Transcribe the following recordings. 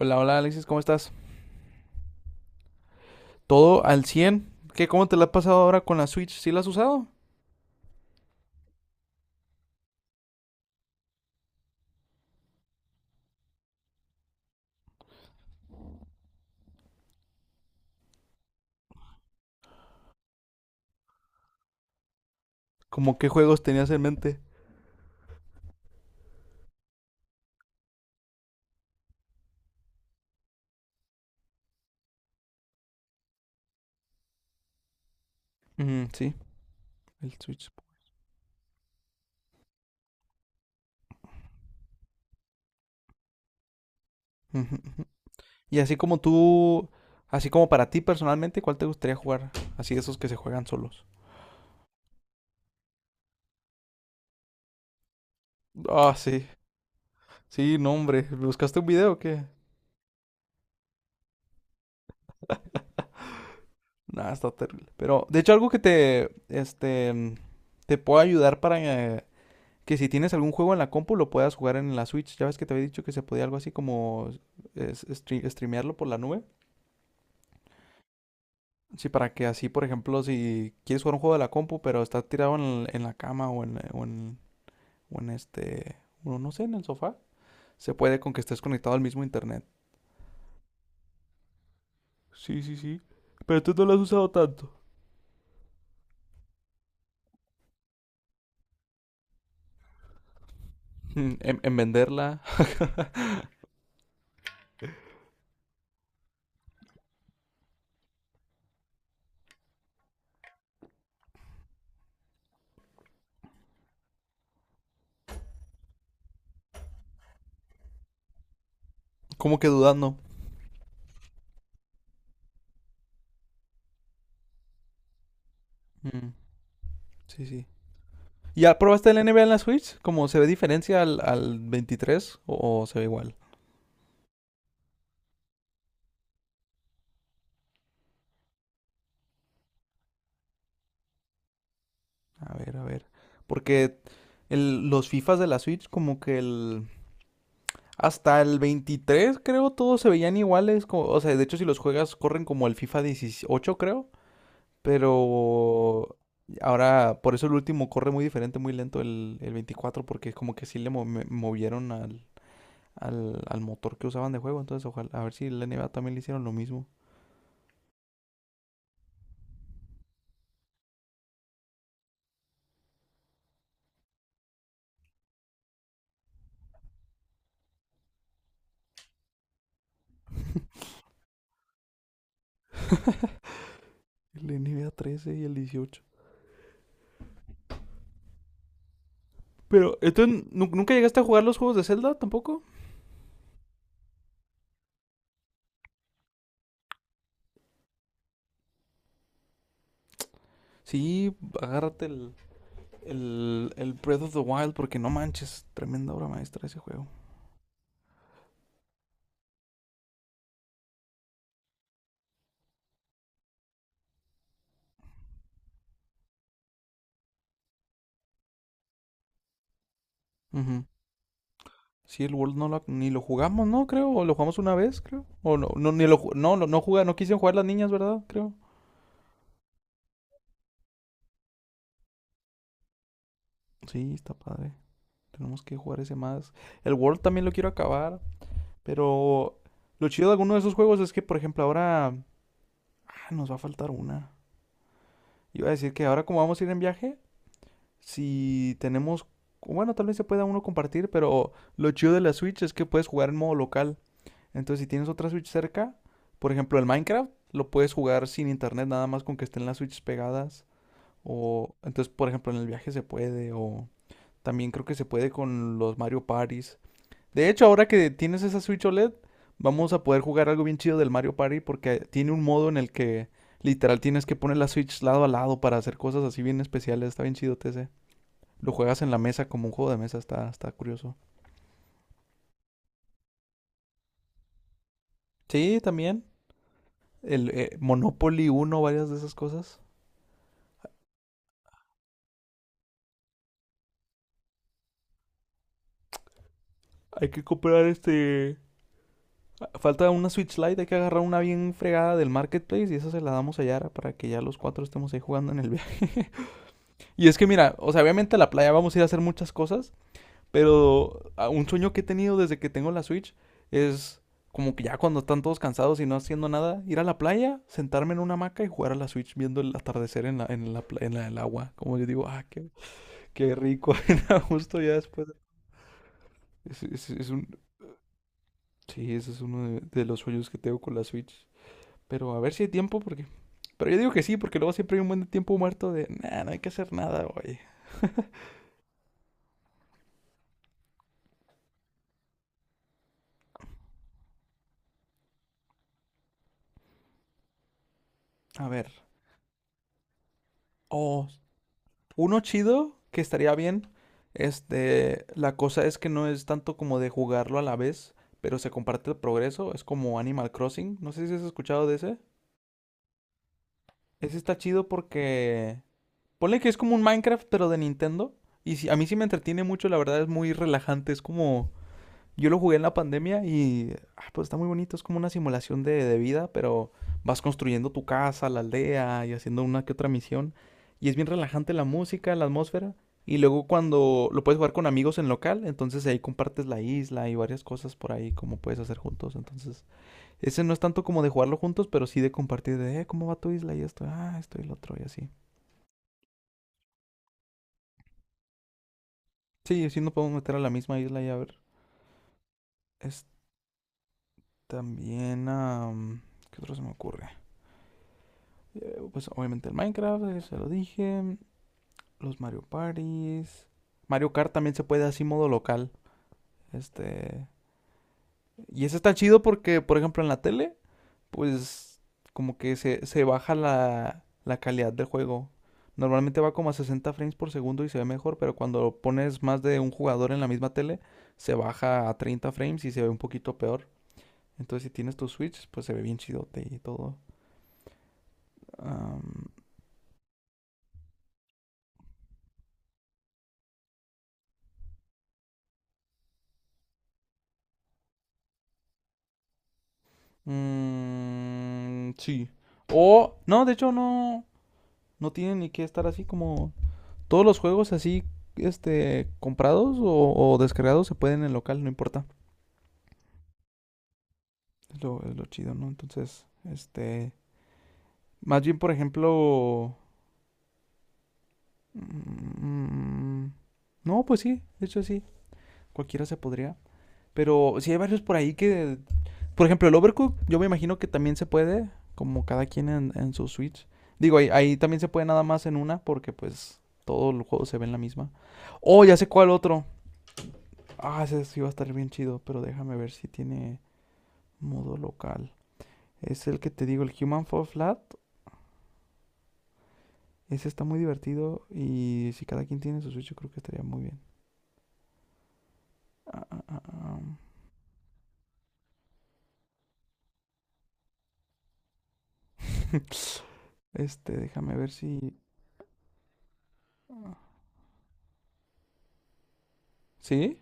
Hola, hola Alexis, ¿cómo estás? ¿Todo al cien? ¿Cómo te la has pasado ahora con la Switch? ¿Sí la has usado? ¿Cómo qué juegos tenías en mente? Ujú, sí, el Switch. Ujú, ujú. Y así como tú, así como para ti personalmente, ¿cuál te gustaría jugar? Así de esos que se juegan solos. Ah, sí. Sí, no, hombre. ¿Buscaste un video o qué? Nah, está terrible. Pero, de hecho, algo que te puede ayudar para, que si tienes algún juego en la compu lo puedas jugar en la Switch. Ya ves que te había dicho que se podía algo así como streamearlo por la nube. Sí, para que así, por ejemplo, si quieres jugar un juego de la compu, pero está tirado en la cama o en este, o no sé, en el sofá, se puede con que estés conectado al mismo internet. Sí, sí, sí. Pero tú no lo has usado tanto. En venderla, como que dudando. Mm, sí, sí. ¿Ya probaste el NBA en la Switch? ¿Cómo se ve diferencia al 23 o se ve igual? A ver, a ver. Porque los FIFAs de la Switch, como que el... Hasta el 23 creo, todos se veían iguales. O sea, de hecho, si los juegas, corren como el FIFA 18 creo. Pero ahora, por eso el último corre muy diferente, muy lento el 24 porque como que sí le movieron al motor que usaban de juego. Entonces, ojalá, a ver si el NBA también le hicieron lo mismo. El NBA 13 y el 18. Pero, entonces, ¿nunca llegaste a jugar los juegos de Zelda tampoco? Sí, agárrate el Breath of the Wild porque no manches, tremenda obra maestra ese juego. Ujú. Sí, el World ni lo jugamos, ¿no? Creo, o lo jugamos una vez, creo. O no, no, ni lo, no, no, no juega, no quisieron jugar las niñas, ¿verdad? Creo. Sí, está padre. Tenemos que jugar ese más. El World también lo quiero acabar, pero lo chido de alguno de esos juegos es que, por ejemplo, ahora ah, nos va a faltar una. Iba a decir que ahora como vamos a ir en viaje, si tenemos, bueno, tal vez se pueda uno compartir, pero lo chido de la Switch es que puedes jugar en modo local. Entonces, si tienes otra Switch cerca, por ejemplo, el Minecraft lo puedes jugar sin internet, nada más con que estén las Switches pegadas. O entonces, por ejemplo, en el viaje se puede. O también creo que se puede con los Mario Parties. De hecho, ahora que tienes esa Switch OLED, vamos a poder jugar algo bien chido del Mario Party porque tiene un modo en el que literal tienes que poner la Switch lado a lado para hacer cosas así bien especiales. Está bien chido TC. Lo juegas en la mesa como un juego de mesa, está curioso. Sí, también. El Monopoly uno, varias de esas cosas. Hay que comprar este. Falta una Switch Lite, hay que agarrar una bien fregada del marketplace y esa se la damos a Yara para que ya los cuatro estemos ahí jugando en el viaje. Y es que mira, o sea, obviamente a la playa vamos a ir a hacer muchas cosas, pero un sueño que he tenido desde que tengo la Switch es como que ya cuando están todos cansados y no haciendo nada, ir a la playa, sentarme en una hamaca y jugar a la Switch viendo el atardecer en el agua. Como yo digo, qué rico, justo ya después. Es, es- es un, sí, ese es uno de los sueños que tengo con la Switch. Pero a ver si hay tiempo, porque. Pero yo digo que sí, porque luego siempre hay un buen de tiempo muerto de. Nah, no hay que hacer nada hoy. A ver. Oh, uno chido que estaría bien. Este. La cosa es que no es tanto como de jugarlo a la vez, pero se comparte el progreso. Es como Animal Crossing. No sé si has escuchado de ese. Ese está chido porque. Ponle que es como un Minecraft, pero de Nintendo. Y si a mí sí me entretiene mucho, la verdad es muy relajante. Es como. Yo lo jugué en la pandemia y ah, pues está muy bonito, es como una simulación de vida, pero vas construyendo tu casa, la aldea y haciendo una que otra misión. Y es bien relajante la música, la atmósfera. Y luego cuando lo puedes jugar con amigos en local, entonces ahí compartes la isla y varias cosas por ahí como puedes hacer juntos. Entonces, ese no es tanto como de jugarlo juntos, pero sí de compartir de, ¿cómo va tu isla? Y esto, ah, esto y lo otro y así. Sí, sí nos podemos meter a la misma isla y a ver. Es también, ¿qué otro se me ocurre? Pues obviamente el Minecraft, se lo dije. Los Mario Parties. Mario Kart también se puede así modo local. Este. Y ese está chido porque, por ejemplo, en la tele, pues como que se baja la calidad del juego. Normalmente va como a 60 frames por segundo y se ve mejor, pero cuando pones más de un jugador en la misma tele, se baja a 30 frames y se ve un poquito peor. Entonces, si tienes tu Switch, pues se ve bien chidote y todo. Am, Mm, sí. O, no, de hecho no, no tiene ni que estar así como todos los juegos así, este, comprados o descargados se pueden en local, no importa. Es lo chido, ¿no? Entonces, este, más bien, por ejemplo, mm, no, pues sí, de hecho sí, cualquiera se podría. Pero sí hay varios por ahí que por ejemplo, el Overcook, yo me imagino que también se puede, como cada quien en su Switch. Digo, ahí también se puede nada más en una, porque pues todo el juego se ve en la misma. Oh, ya sé cuál otro. Ah, ese sí va a estar bien chido, pero déjame ver si tiene modo local. Es el que te digo, el Human Fall Flat. Ese está muy divertido y si cada quien tiene su Switch, yo creo que estaría muy bien. Ah, ah, ah, ah. Este, déjame ver si... ¿Sí?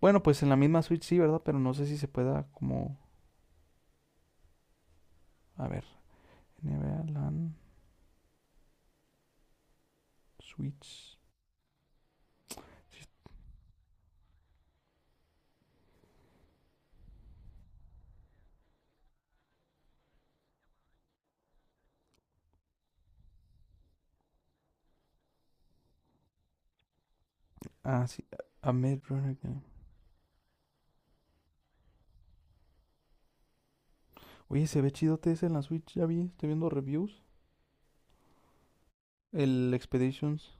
Bueno, pues en la misma Switch sí, ¿verdad? Pero no sé si se pueda como... A ver. NBA LAN Switch. Sí, ah, sí. Ahmed Runner Game. Oye, se ve chido ese en la Switch, ya vi, estoy viendo reviews. El Expeditions,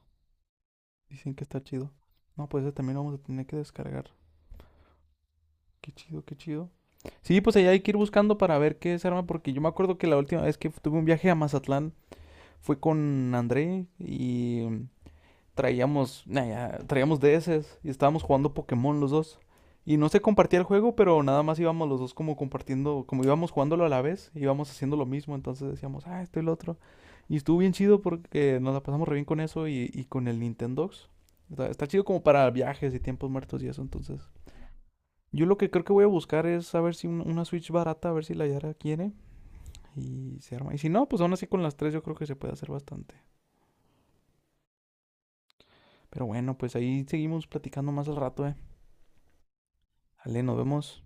dicen que está chido. No, pues ese también lo vamos a tener que descargar. Qué chido, qué chido. Sí, pues allá hay que ir buscando para ver qué se arma, porque yo me acuerdo que la última vez que tuve un viaje a Mazatlán fue con André y traíamos, nah, ya, traíamos DS y estábamos jugando Pokémon los dos. Y no se compartía el juego, pero nada más íbamos los dos como compartiendo, como íbamos jugándolo a la vez, íbamos haciendo lo mismo, entonces decíamos, ah, esto y lo otro. Y estuvo bien chido porque nos la pasamos re bien con eso y con el Nintendox. Está, está chido como para viajes y tiempos muertos y eso, entonces. Yo lo que creo que voy a buscar es a ver si una Switch barata, a ver si la Yara quiere y se arma. Y si no, pues aún así con las tres yo creo que se puede hacer bastante. Pero bueno, pues ahí seguimos platicando más al rato, ¿eh? Ale, nos vemos.